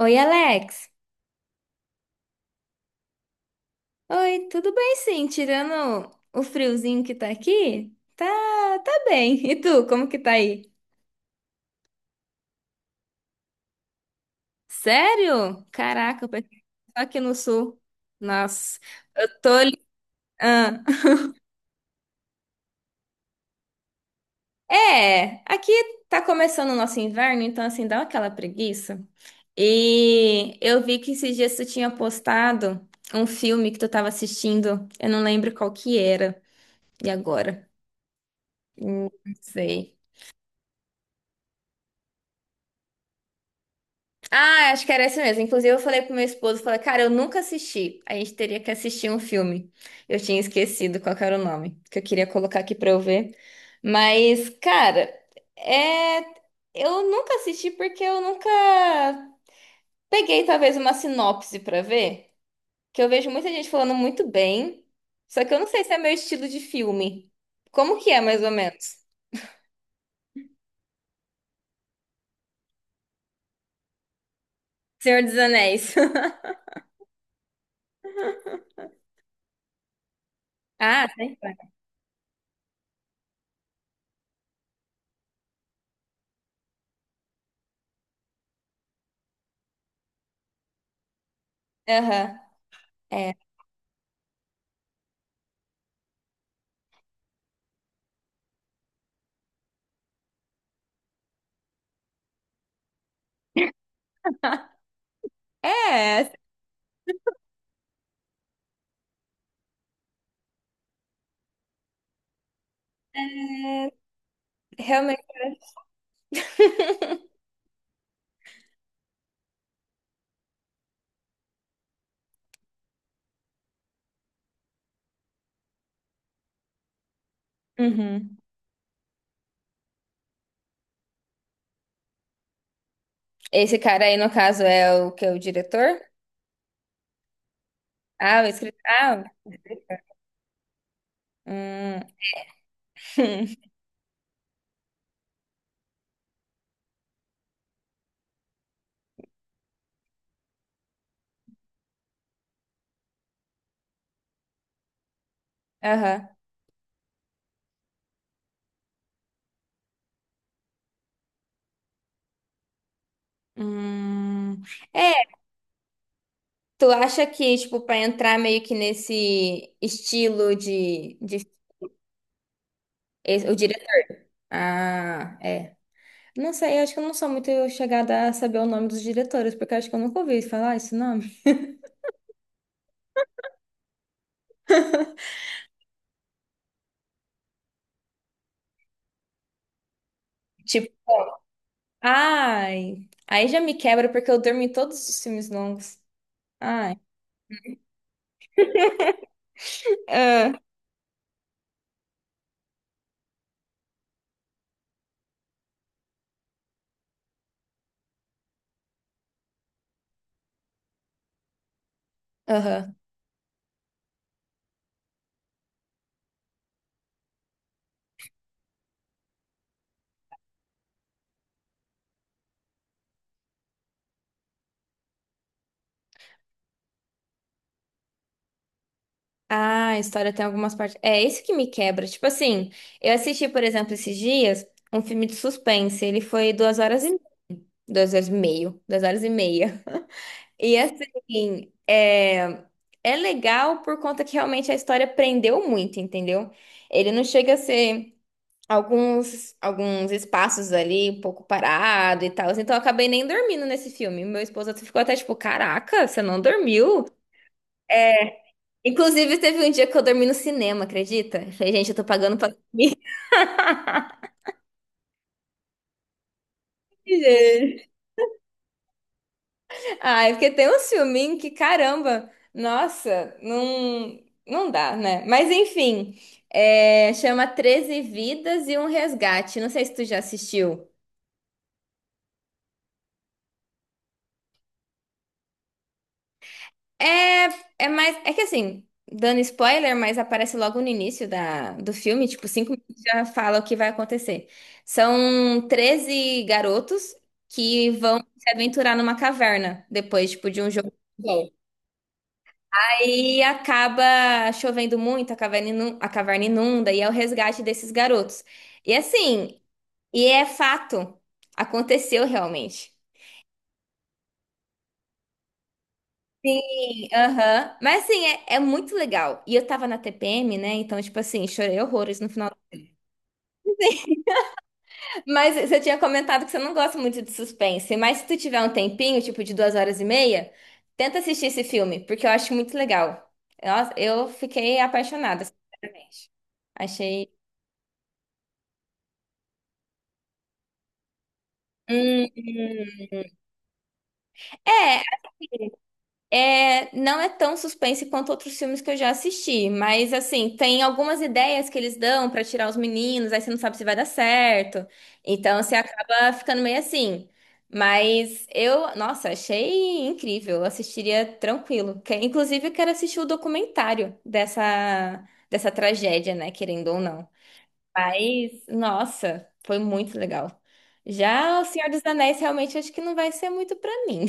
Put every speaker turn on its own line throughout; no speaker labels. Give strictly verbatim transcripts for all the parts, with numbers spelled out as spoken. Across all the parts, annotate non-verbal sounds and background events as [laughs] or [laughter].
Oi, Alex. Oi, tudo bem sim, tirando o friozinho que tá aqui? Tá, tá bem. E tu, como que tá aí? Sério? Caraca, eu pensei que só aqui no sul. Nossa, eu tô. li- Ah. É, aqui tá começando o nosso inverno, então assim, dá aquela preguiça. E eu vi que esses dias tu tinha postado um filme que tu tava assistindo, eu não lembro qual que era. E agora? Hum, Não sei. Ah, acho que era esse mesmo. Inclusive, eu falei pro meu esposo, falei, cara, eu nunca assisti. A gente teria que assistir um filme. Eu tinha esquecido qual que era o nome, que eu queria colocar aqui pra eu ver. Mas, cara, é... eu nunca assisti porque eu nunca peguei, talvez, uma sinopse pra ver. Que eu vejo muita gente falando muito bem, só que eu não sei se é meu estilo de filme. Como que é, mais ou menos? Senhor dos Anéis. [laughs] Ah, tem. Aham. É, [laughs] é, realmente. Uhum. Esse cara aí, no caso, é o que é o diretor? Ah, o escritor. Ah, hum. [laughs] Aham. Hum. É, tu acha que, tipo, pra entrar meio que nesse estilo de, de... esse- o diretor? Ah, é. Não sei, eu acho que eu não sou muito chegada a saber o nome dos diretores, porque eu acho que eu nunca ouvi falar esse nome. Tipo, ai, aí já me quebra porque eu durmo em todos os filmes longos. Ai. Ah. Aham. Ah, a história tem algumas partes. É isso que me quebra. Tipo assim, eu assisti, por exemplo, esses dias um filme de suspense. Ele foi duas horas e duas horas e meio, duas horas e meia. [laughs] E assim, é, é legal por conta que realmente a história prendeu muito, entendeu? Ele não chega a ser alguns alguns espaços ali um pouco parado e tal. Assim, então eu acabei nem dormindo nesse filme. Meu esposo ficou até tipo, caraca, você não dormiu? Inclusive, teve um dia que eu dormi no cinema, acredita? Eu falei, gente, eu tô pagando pra dormir. [laughs] Gente. Ai, porque tem uns filminhos que, caramba, nossa, não, não dá, né? Mas enfim, é, chama Treze Vidas e um Resgate. Não sei se tu já assistiu. É, é mais. É que assim, dando spoiler, mas aparece logo no início da, do filme, tipo, cinco minutos já fala o que vai acontecer. São treze garotos que vão se aventurar numa caverna depois, tipo, de um jogo. De futebol. Aí acaba chovendo muito, a caverna inu- a caverna inunda, e é o resgate desses garotos. E assim, e é fato, aconteceu realmente. Sim, aham. Mas assim, é, é muito legal. E eu tava na T P M, né? Então, tipo assim, chorei horrores no final. Mas você tinha comentado que você não gosta muito de suspense. Mas se tu tiver um tempinho, tipo de duas horas e meia, tenta assistir esse filme, porque eu acho muito legal. Nossa, eu fiquei apaixonada, sinceramente. Achei. Hum. Hum. É, assim, é, não é tão suspense quanto outros filmes que eu já assisti, mas assim, tem algumas ideias que eles dão pra tirar os meninos, aí você não sabe se vai dar certo. Então você acaba ficando meio assim. Mas eu, nossa, achei incrível, eu assistiria tranquilo. Que- inclusive, eu quero assistir o documentário dessa, dessa tragédia, né? Querendo ou não. Mas, nossa, foi muito legal. Já O Senhor dos Anéis realmente acho que não vai ser muito pra mim.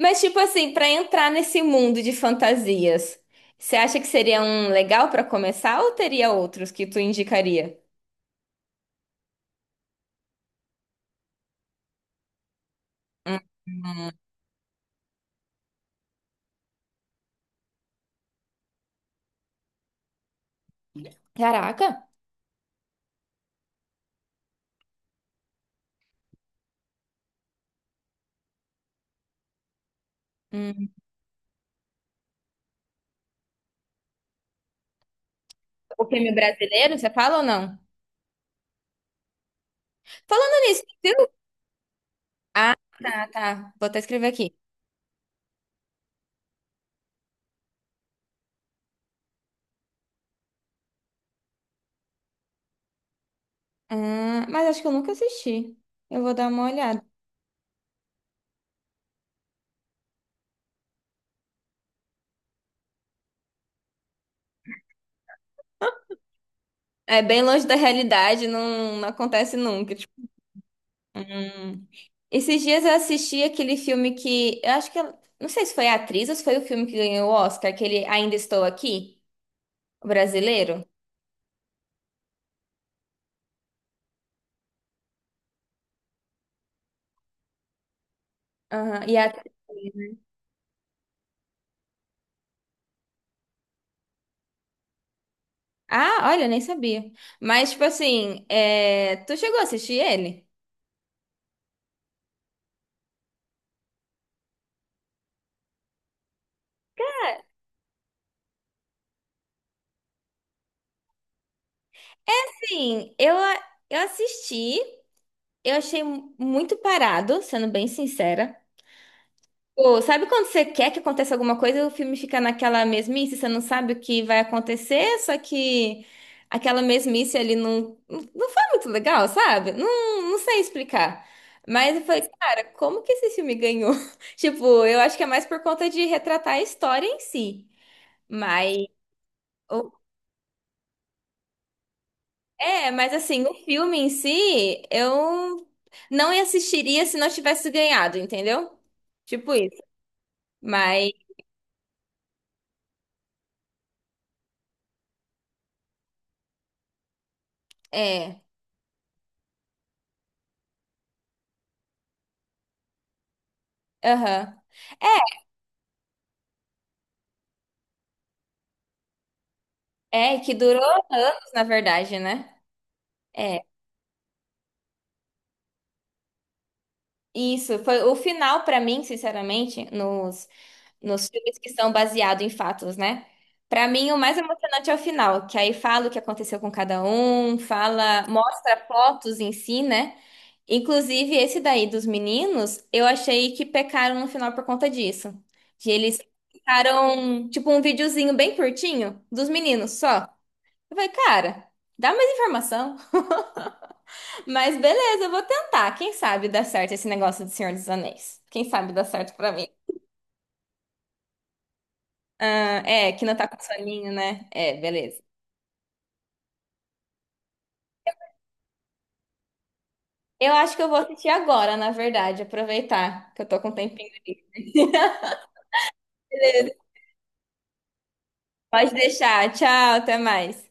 Mas, tipo assim, pra entrar nesse mundo de fantasias, você acha que seria um legal pra começar ou teria outros que tu indicaria? Caraca! Hum. O filme brasileiro, você fala ou não? Falando nisso, viu? Ah, tá, tá. Vou até escrever aqui. Ah, mas acho que eu nunca assisti. Eu vou dar uma olhada. É bem longe da realidade, não, não acontece nunca. Tipo. Hum. Esses dias eu assisti aquele filme que. Eu acho que. ela- Não sei se foi a atriz ou se foi o filme que ganhou o Oscar, aquele Ainda Estou Aqui, o brasileiro. Aham, e a... Ah, olha, nem sabia. Mas, tipo assim, é, tu chegou a assistir ele? Sim, eu, a- eu assisti, eu achei mu- muito parado, sendo bem sincera. Pô, sabe quando você quer que aconteça alguma coisa e o filme fica naquela mesmice, você não sabe o que vai acontecer, só que aquela mesmice ali não, não foi muito legal, sabe? Não, não sei explicar. Mas eu falei, cara, como que esse filme ganhou? [laughs] Tipo, eu acho que é mais por conta de retratar a história em si. Mas, o- é, mas assim, o filme em si, eu não assistiria se não tivesse ganhado, entendeu? Tipo isso. Mas, é, aham. É, é, que durou anos, na verdade, né? É, isso. Foi o final, pra mim, sinceramente, nos, nos filmes que são baseados em fatos, né? Pra mim, o mais emocionante é o final, que aí fala o que aconteceu com cada um, fala, mostra fotos em si, né? Inclusive, esse daí dos meninos, eu achei que pecaram no final por conta disso. Que eles ficaram, tipo, um videozinho bem curtinho dos meninos só. Eu falei, cara, dá mais informação. [laughs] Mas beleza, eu vou tentar. Quem sabe dá certo esse negócio do Senhor dos Anéis? Quem sabe dá certo pra mim? Ah, é, que não tá com soninho, né? É, beleza. Eu acho que eu vou assistir agora, na verdade, aproveitar que eu tô com um tempinho. [laughs] Beleza. Pode deixar. Tchau, até mais.